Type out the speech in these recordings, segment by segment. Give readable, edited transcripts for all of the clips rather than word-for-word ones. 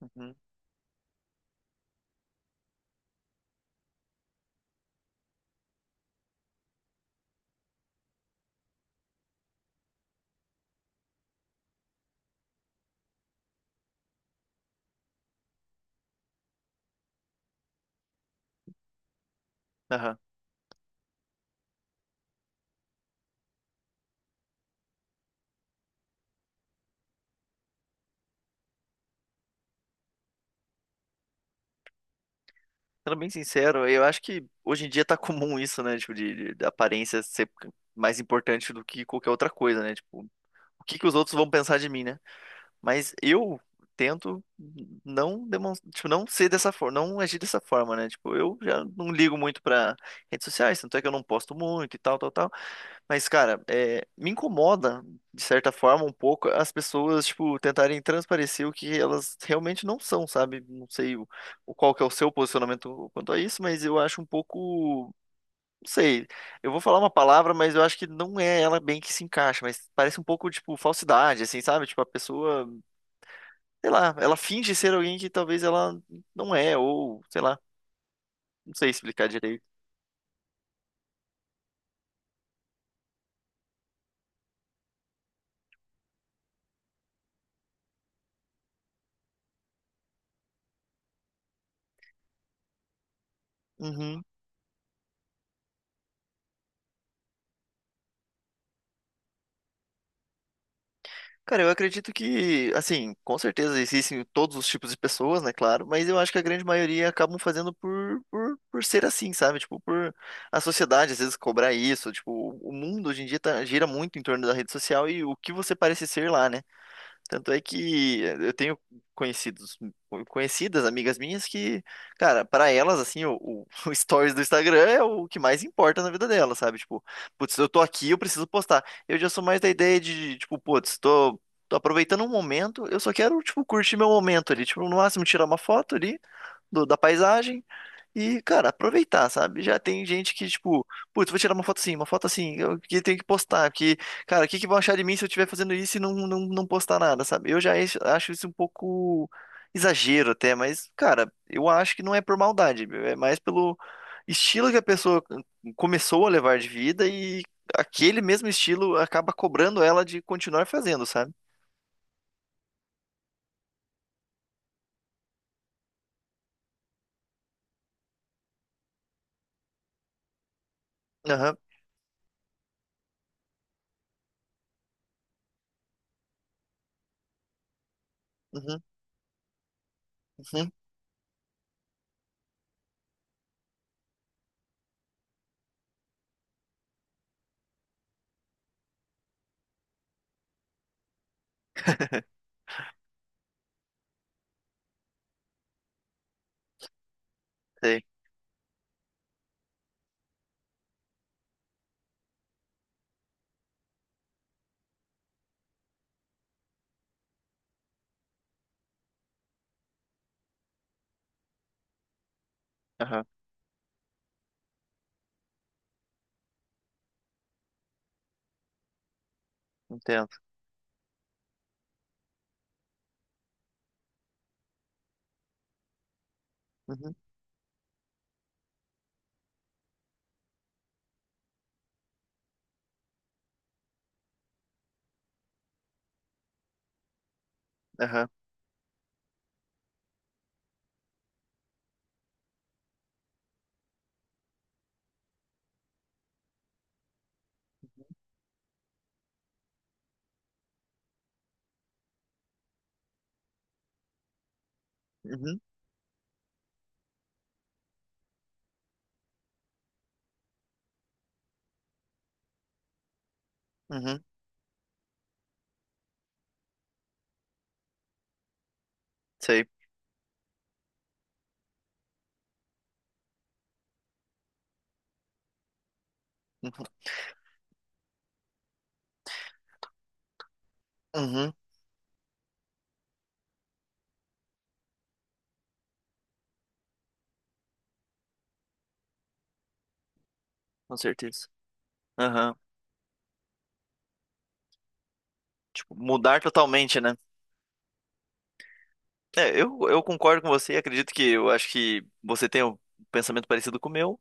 Uhum. Aham. Sendo bem sincero, eu acho que hoje em dia tá comum isso, né? Tipo, da aparência ser mais importante do que qualquer outra coisa, né? Tipo, o que que os outros vão pensar de mim, né? Mas eu tento não demonstrar, tipo, não ser dessa forma, não agir dessa forma, né? Tipo, eu já não ligo muito pra redes sociais, tanto é que eu não posto muito e tal, tal, tal. Mas, cara, é, me incomoda, de certa forma, um pouco as pessoas, tipo, tentarem transparecer o que elas realmente não são, sabe? Não sei o qual que é o seu posicionamento quanto a isso, mas eu acho um pouco, não sei, eu vou falar uma palavra, mas eu acho que não é ela bem que se encaixa, mas parece um pouco, tipo, falsidade, assim, sabe? Tipo, a pessoa, sei lá, ela finge ser alguém que talvez ela não é, ou, sei lá, não sei explicar direito. Uhum. Cara, eu acredito que, assim, com certeza existem todos os tipos de pessoas, né, claro, mas eu acho que a grande maioria acabam fazendo por ser assim, sabe? Tipo, por a sociedade às vezes cobrar isso, tipo, o mundo hoje em dia gira muito em torno da rede social e o que você parece ser lá, né? Tanto é que eu tenho conhecidos, conhecidas, amigas minhas que, cara, para elas, assim, o stories do Instagram é o que mais importa na vida delas, sabe? Tipo, putz, eu tô aqui, eu preciso postar. Eu já sou mais da ideia de, tipo, putz, tô aproveitando um momento, eu só quero, tipo, curtir meu momento ali, tipo, no máximo tirar uma foto ali da paisagem e, cara, aproveitar, sabe? Já tem gente que, tipo, putz, vou tirar uma foto assim, eu que tenho que postar, porque, cara, o que que vão achar de mim se eu estiver fazendo isso e não postar nada, sabe? Acho isso um pouco exagero até, mas, cara, eu acho que não é por maldade, meu, é mais pelo estilo que a pessoa começou a levar de vida e aquele mesmo estilo acaba cobrando ela de continuar fazendo, sabe? Aham, uhum, uhum, sei, aham, entendo, uhum, aham, uhum, uhum, sei. Uhum. Uhum, com certeza. Aham, tipo, mudar totalmente, né? É, eu concordo com você e acredito que eu acho que você tem um pensamento parecido com o meu.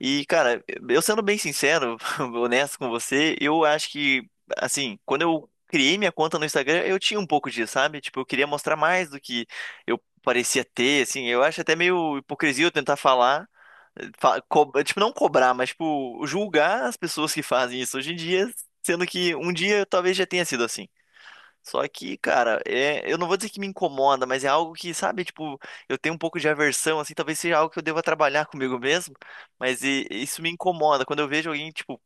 E, cara, eu sendo bem sincero, honesto com você, eu acho que, assim, quando eu criei minha conta no Instagram, eu tinha um pouco disso, sabe? Tipo, eu queria mostrar mais do que eu parecia ter, assim. Eu acho até meio hipocrisia eu tentar falar, tipo, não cobrar, mas, tipo, julgar as pessoas que fazem isso hoje em dia, sendo que um dia talvez já tenha sido assim. Só que, cara, é, eu não vou dizer que me incomoda, mas é algo que, sabe, tipo, eu tenho um pouco de aversão, assim, talvez seja algo que eu deva trabalhar comigo mesmo, mas isso me incomoda. Quando eu vejo alguém, tipo,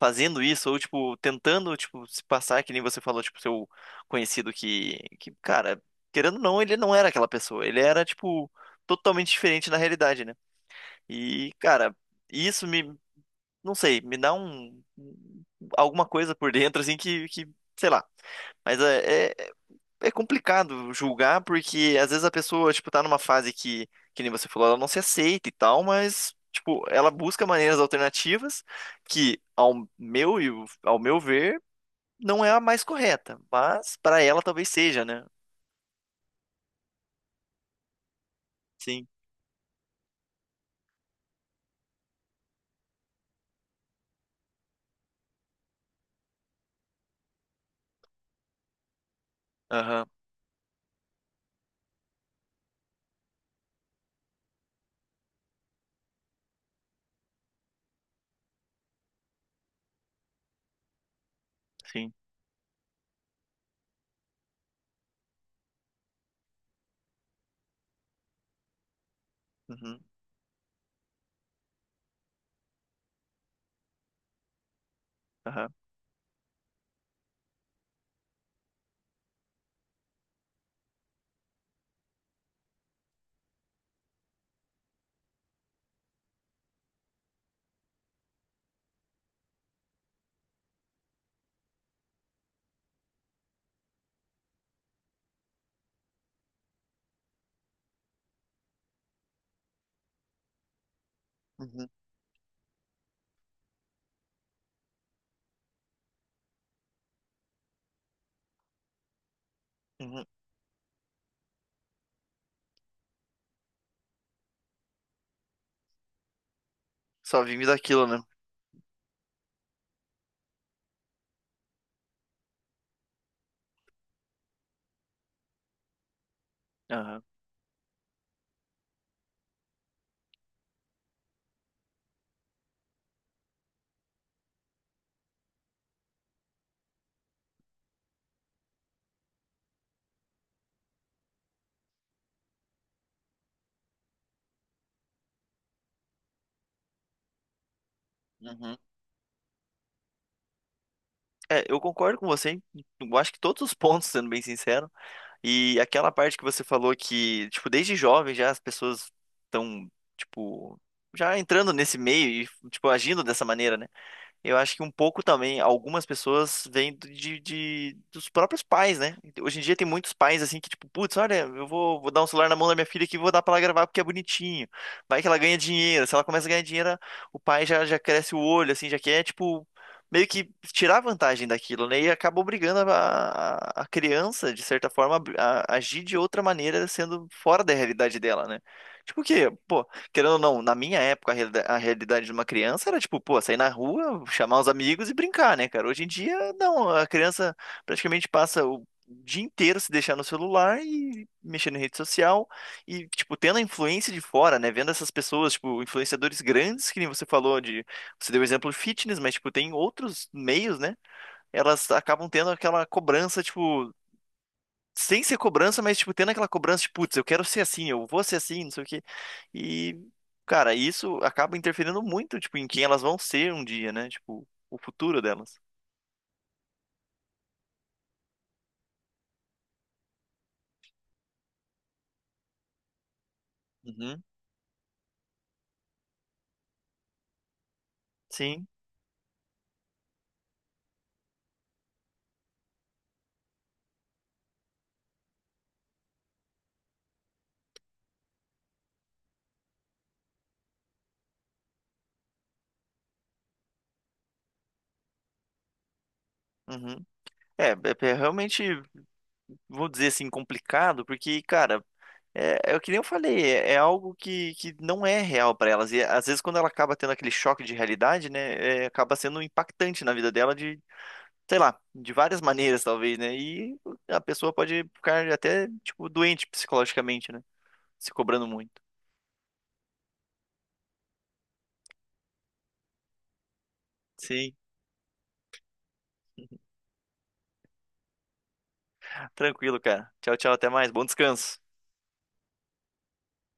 fazendo isso, ou, tipo, tentando, tipo, se passar, que nem você falou, tipo, seu conhecido cara, querendo ou não, ele não era aquela pessoa, ele era, tipo, totalmente diferente na realidade, né? E, cara, isso me, não sei, me dá um, alguma coisa por dentro, assim, sei lá. Mas é complicado julgar, porque às vezes a pessoa, tipo, tá numa fase que nem você falou, ela não se aceita e tal, mas, tipo, ela busca maneiras alternativas que, e ao meu ver, não é a mais correta, mas para ela talvez seja, né? Sim, aham, sim, uhum, aham, uhum, uhum. Só vimos daquilo, né? Aham, uhum. É, eu concordo com você, eu acho que todos os pontos, sendo bem sincero, e aquela parte que você falou que, tipo, desde jovem já as pessoas estão, tipo, já entrando nesse meio e, tipo, agindo dessa maneira, né? Eu acho que um pouco também, algumas pessoas vêm dos próprios pais, né? Hoje em dia tem muitos pais assim que, tipo, putz, olha, vou dar um celular na mão da minha filha aqui e vou dar pra ela gravar porque é bonitinho. Vai que ela ganha dinheiro. Se ela começa a ganhar dinheiro, o pai já cresce o olho, assim, já quer, tipo, meio que tirar vantagem daquilo, né? E acaba obrigando a criança, de certa forma, a agir de outra maneira, sendo fora da realidade dela, né? Tipo o quê? Pô. Querendo ou não, na minha época, a realidade de uma criança era tipo, pô, sair na rua, chamar os amigos e brincar, né, cara? Hoje em dia, não, a criança praticamente passa o dia inteiro se deixar no celular e mexendo em rede social e, tipo, tendo a influência de fora, né? Vendo essas pessoas, tipo, influenciadores grandes, que nem você falou de. Você deu o exemplo de fitness, mas, tipo, tem outros meios, né? Elas acabam tendo aquela cobrança, tipo sem ser cobrança, mas, tipo, tendo aquela cobrança de, putz, eu quero ser assim, eu vou ser assim, não sei o quê. E, cara, isso acaba interferindo muito, tipo, em quem elas vão ser um dia, né? Tipo, o futuro delas. Uhum, sim. Uhum. É realmente, vou dizer assim, complicado, porque, cara, é o que nem eu falei, é algo que não é real pra elas. E às vezes, quando ela acaba tendo aquele choque de realidade, né, é, acaba sendo impactante na vida dela sei lá, de várias maneiras, talvez, né? E a pessoa pode ficar até, tipo, doente psicologicamente, né? Se cobrando muito. Sim, tranquilo, cara. Tchau, tchau, até mais. Bom descanso.